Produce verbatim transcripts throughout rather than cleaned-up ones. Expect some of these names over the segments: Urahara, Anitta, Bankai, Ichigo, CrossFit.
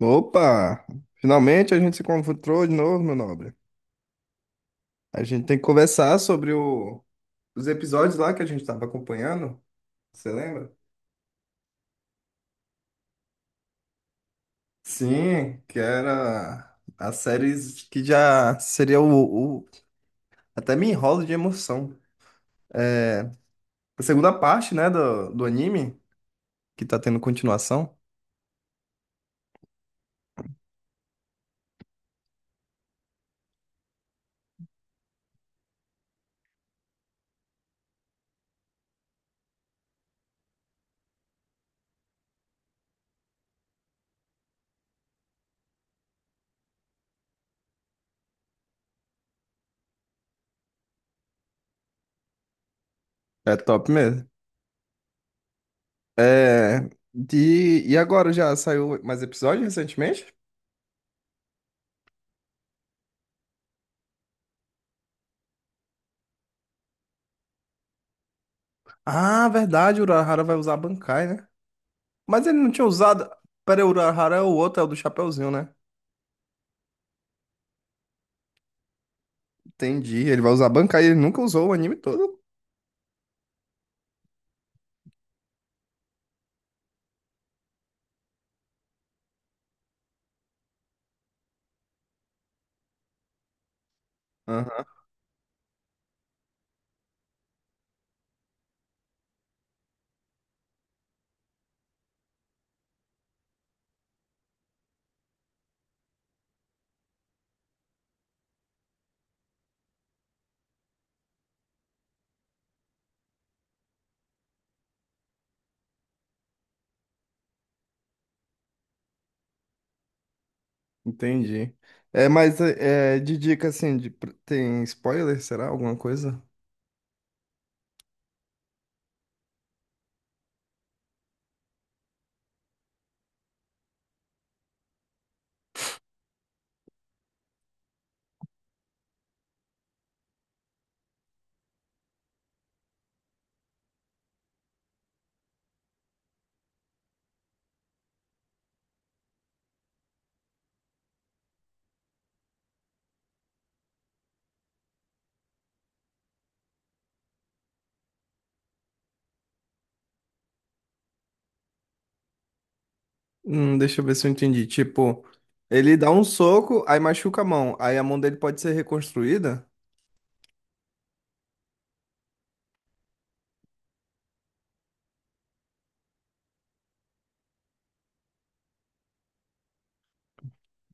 Opa! Finalmente a gente se encontrou de novo, meu nobre. A gente tem que conversar sobre o- os episódios lá que a gente estava acompanhando. Você lembra? Sim, que era a série que já seria o, o- até me enrolo de emoção. A segunda parte, né, do, do anime, que tá tendo continuação. É top mesmo. É. De... E agora já saiu mais episódio recentemente? Ah, verdade, o Urahara vai usar a Bankai, né? Mas ele não tinha usado. Pera aí, o Urahara é o outro, é o do Chapeuzinho, né? Entendi. Ele vai usar a Bankai, ele nunca usou o anime todo. Aham, entendi. É, mas é, é, de dica assim, de- tem spoiler, será? Alguma coisa? Hum, deixa eu ver se eu entendi. Tipo, ele dá um soco, aí machuca a mão. Aí a mão dele pode ser reconstruída?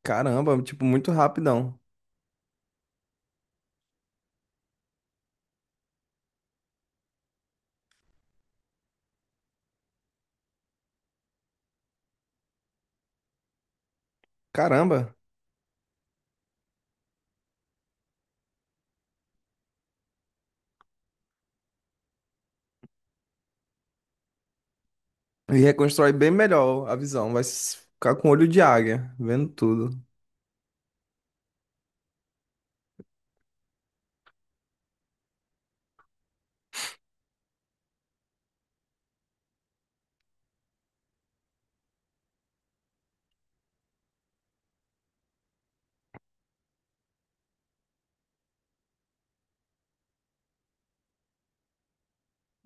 Caramba, tipo, muito rapidão. Caramba. E reconstrói bem melhor a visão. Vai s- ficar com olho de águia, vendo tudo.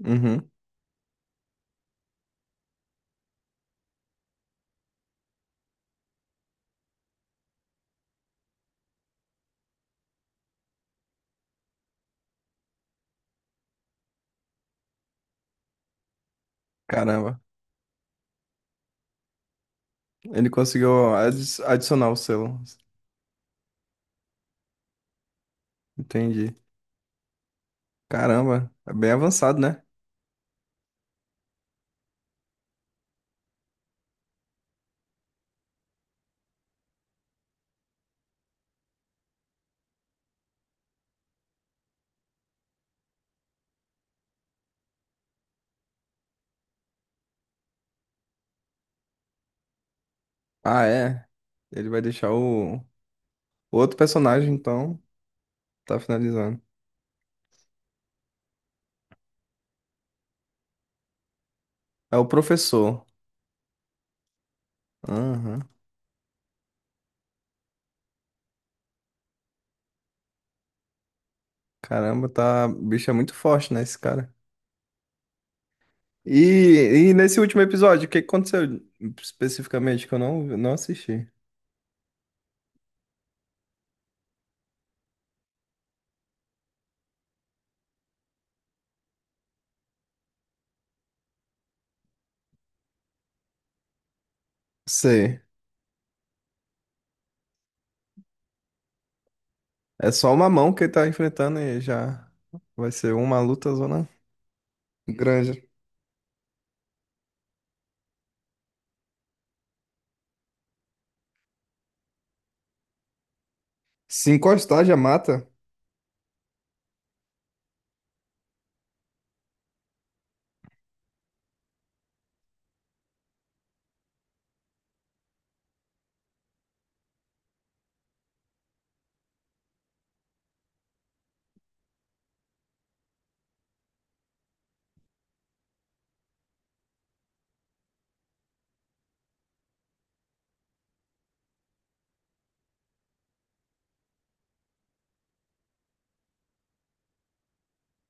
Uhum, caramba. Ele conseguiu adi- adicionar o selo. Entendi. Caramba, é bem avançado, né? Ah, é. Ele vai deixar o. Outro personagem, então, tá finalizando. É o professor. Aham. Caramba, tá. O bicho é muito forte, né, esse cara? E, e nesse último episódio, o que aconteceu especificamente que eu não, não assisti? Sei. É só uma mão que ele tá enfrentando e já vai ser uma luta zona grande. Se encostar, já mata.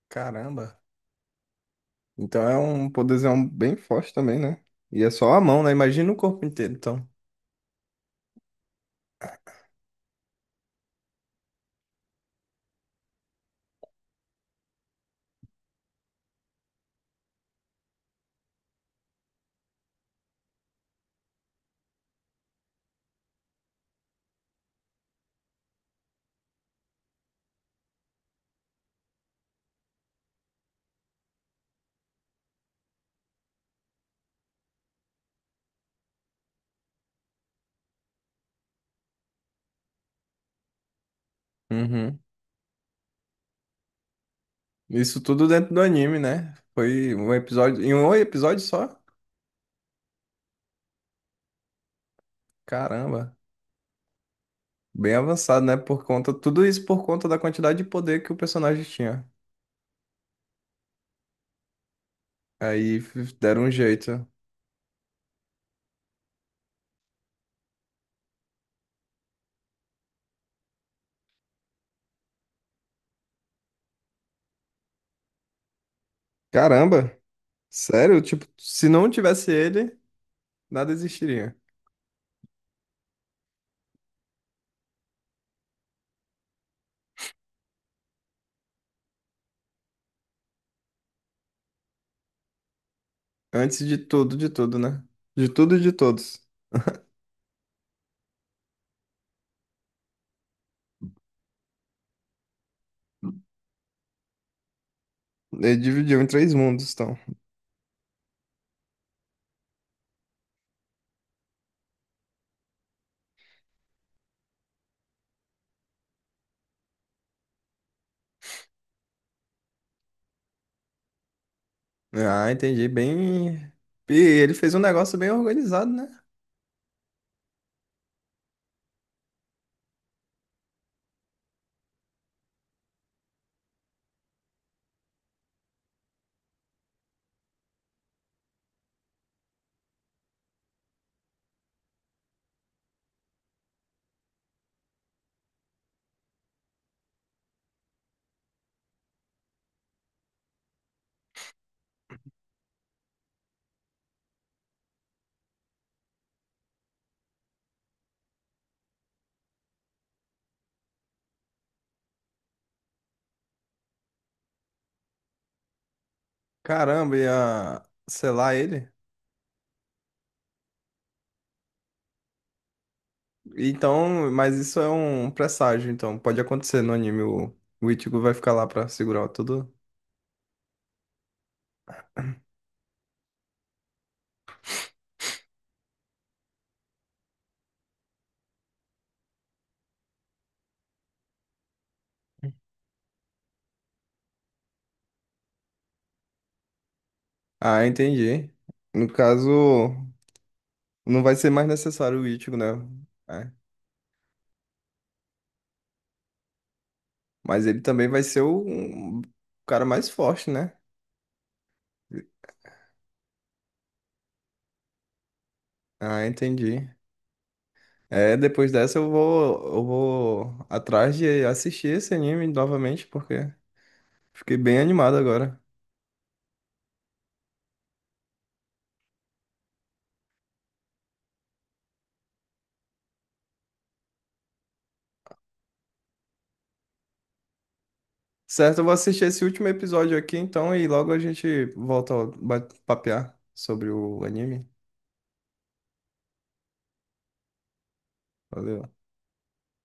Caramba. Então é um poderzão bem forte também, né? E é só a mão, né? Imagina o corpo inteiro, então. Uhum. Isso tudo dentro do anime, né? Foi um episódio, em um episódio só? Caramba, bem avançado, né? Por conta, tudo isso por conta da quantidade de poder que o personagem tinha. Aí f- deram um jeito. Caramba, sério? Tipo, se não tivesse ele, nada existiria. Antes de tudo, de tudo, né? De tudo e de todos. Ele dividiu em três mundos, então. Ah, entendi. Bem. E ele fez um negócio bem organizado, né? Caramba, e a. Sei lá, ele. Então, mas isso é um presságio, então pode acontecer no anime. O, o Ichigo vai ficar lá pra segurar tudo. Ah, entendi. No caso, não vai ser mais necessário o Ichigo, né? É. Mas ele também vai ser o, um cara mais forte, né? Ah, entendi. É, depois dessa eu vou, eu vou atrás de assistir esse anime novamente, porque fiquei bem animado agora. Certo, eu vou assistir esse último episódio aqui então e logo a gente volta a ba- papear sobre o anime. Valeu.